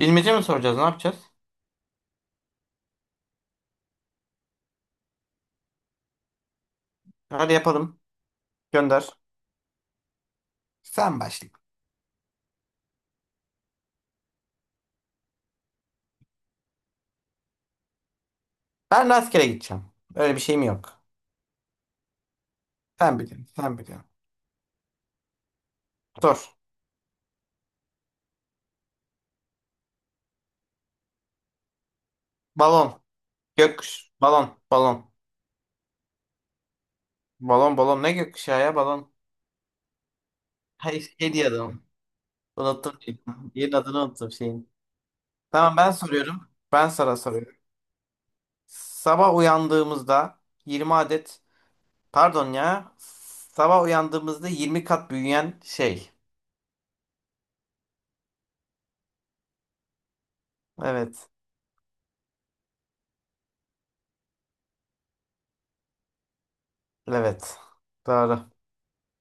Bilmece mi soracağız? Ne yapacağız? Hadi yapalım. Gönder. Sen başla. Ben rastgele gideceğim. Öyle bir şeyim yok. Sen biliyorsun. Sen biliyorsun. Sor. Balon. Gökkuş. Balon. Balon. Balon balon. Ne gökkuşağı ya balon? Hayır şey diye adam. Unuttum. Yerin adını unuttum şeyin. Tamam ben soruyorum. Ben sana soruyorum. Sabah uyandığımızda 20 adet, pardon ya, sabah uyandığımızda 20 kat büyüyen şey. Evet. Evet. Doğru.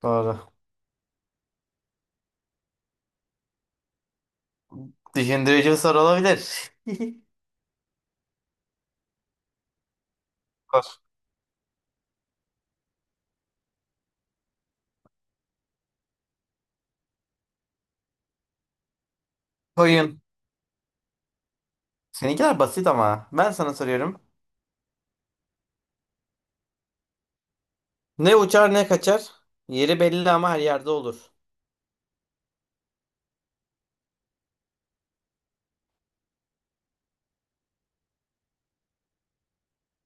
Doğru. Düşündürücü bir soru olabilir. Sor. Koyun. Seninkiler basit ama. Ben sana soruyorum. Ne uçar ne kaçar. Yeri belli ama her yerde olur.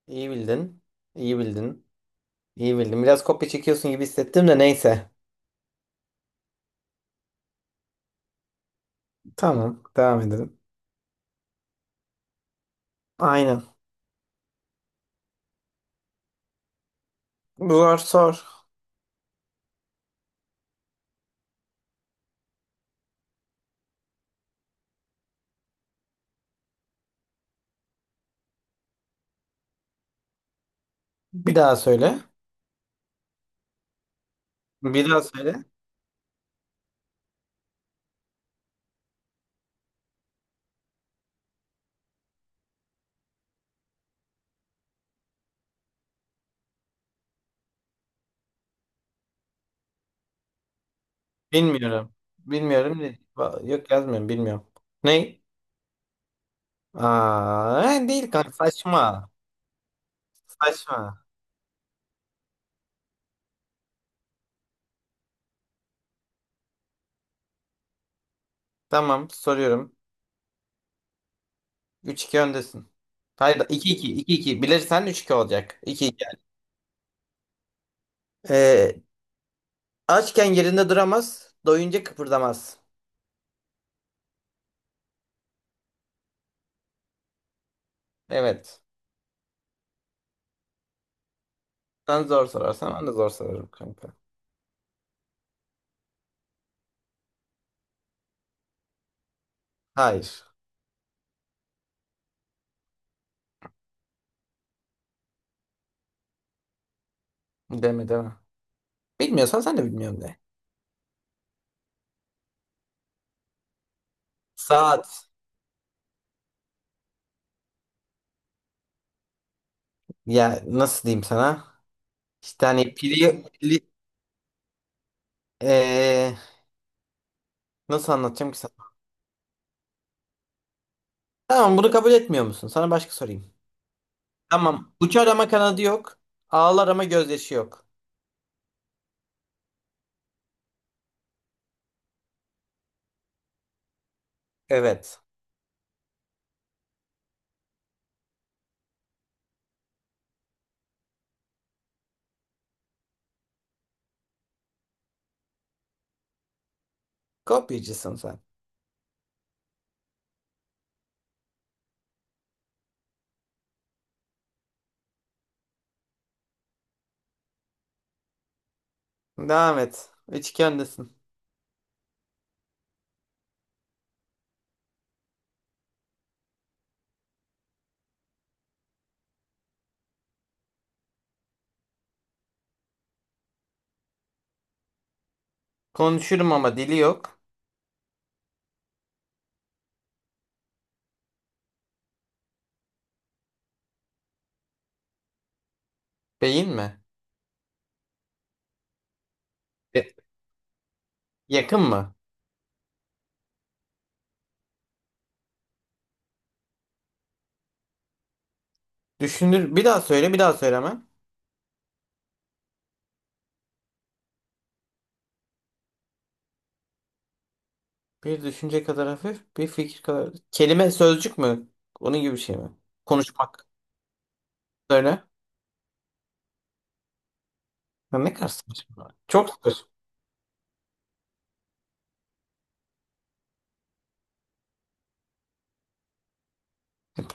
İyi bildin. İyi bildin. İyi bildin. Biraz kopya çekiyorsun gibi hissettim de neyse. Tamam. Devam edelim. Aynen. Zor sor. Bir daha söyle. Bir daha söyle. Bilmiyorum. Bilmiyorum. Ne? Va- Yok, yazmıyorum. Bilmiyorum. Ne? Aa, değil kanka. Saçma. Saçma. Tamam. Soruyorum. Üç iki öndesin. Hayır, iki iki iki. 2 bilirsen üç iki olacak. İki iki. Yani. Ee, Açken yerinde duramaz, doyunca kıpırdamaz. Evet. Sen zor sorarsan ben de zor sorarım kanka. Hayır. Deme deme. Bilmiyorsan sen de bilmiyorum de. Saat. Ya nasıl diyeyim sana? İşte hani pili ee, nasıl anlatacağım ki sana? Tamam, bunu kabul etmiyor musun? Sana başka sorayım. Tamam. Uçar ama kanadı yok. Ağlar ama gözyaşı yok. Evet. Kopyacısın sen. Devam et. Üçgendesin. Konuşurum ama dili yok. Beyin mi? E, Yakın mı? Düşünür. Bir daha söyle, bir daha söyle hemen. Bir düşünce kadar hafif, bir fikir kadar. Kelime, sözcük mü? Onun gibi bir şey mi? Konuşmak. Söyle. Ya ne kadar saçma. Çok saçma.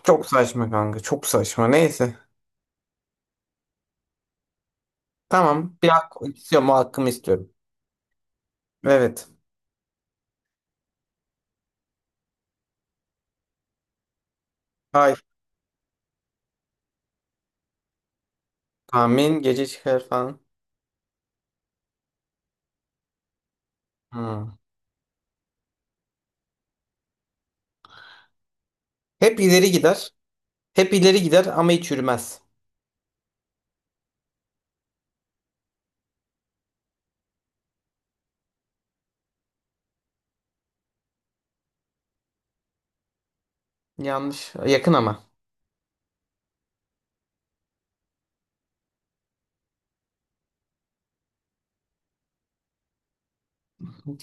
Çok saçma kanka. Çok saçma. Neyse. Tamam. Bir hak istiyorum. O hakkımı istiyorum. Evet. Ay. Tahmin. Gece çıkar falan. Hmm. Hep ileri gider. Hep ileri gider ama hiç yürümez. Yanlış. Yakın ama.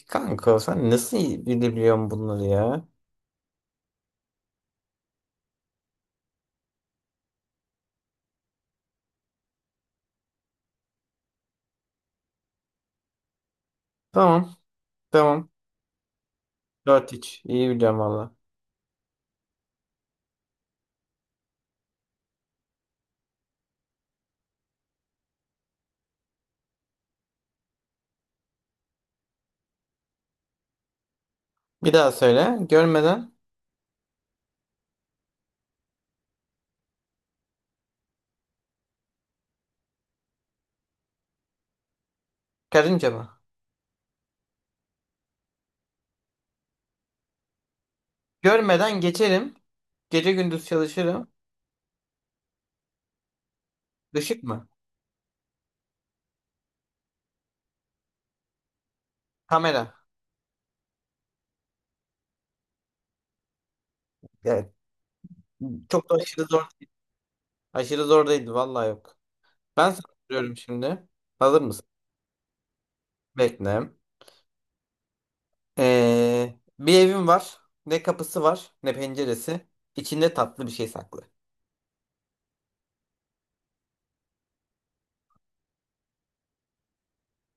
Kanka sen nasıl iyi bilebiliyorsun bunları ya? Tamam. Tamam. Dört iç, İyi biliyorum valla. Bir daha söyle. Görmeden. Karınca mı? Görmeden geçerim. Gece gündüz çalışırım. Işık mı? Kamera. Evet. Çok da aşırı zor. Aşırı zor değildi. Valla yok. Ben sana soruyorum şimdi. Hazır mısın? Bekle. Bir evim var. Ne kapısı var ne penceresi. İçinde tatlı bir şey saklı.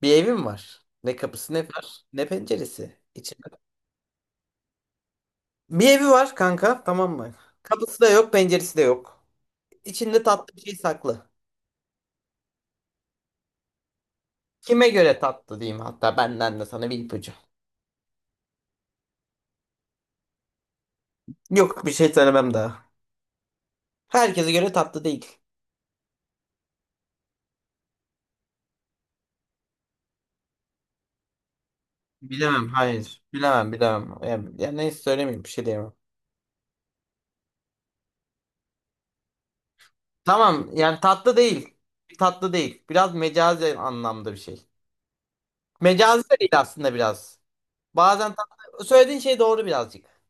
Bir evim var. Ne kapısı ne var ne penceresi. İçinde bir evi var kanka, tamam mı? Kapısı da yok, penceresi de yok. İçinde tatlı bir şey saklı. Kime göre tatlı diyeyim, hatta benden de sana bir ipucu. Yok, bir şey söylemem daha. Herkese göre tatlı değil. Bilemem hayır. Bilemem bilemem. Yani, yani neyse söylemeyeyim, bir şey diyemem. Tamam yani tatlı değil. Tatlı değil. Biraz mecazi anlamda bir şey. Mecazi de değil aslında biraz. Bazen tatlı. Söylediğin şey doğru birazcık.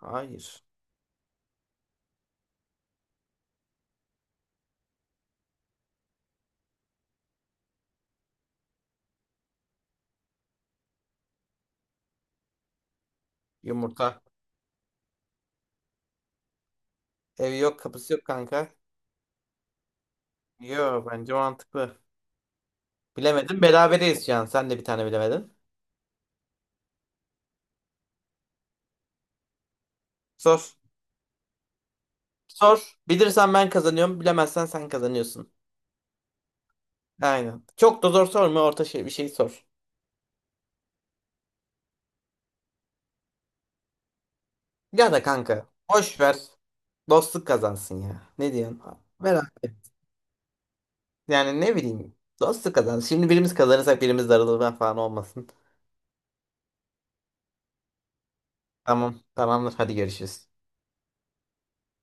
Hayır. Yumurta. Evi yok kapısı yok kanka. Yok, bence mantıklı. Bilemedim. Berabereyiz şu an. Sen de bir tane bilemedin. Sor. Sor. Bilirsen ben kazanıyorum. Bilemezsen sen kazanıyorsun. Aynen. Çok da zor sorma. Orta şey, bir şey sor. Ya da kanka. Boş ver. Dostluk kazansın ya. Ne diyorsun? Beraber. Yani ne bileyim. Dostluk kazansın. Şimdi birimiz kazanırsak birimiz darılır falan olmasın. Tamam. Tamamdır. Hadi görüşürüz.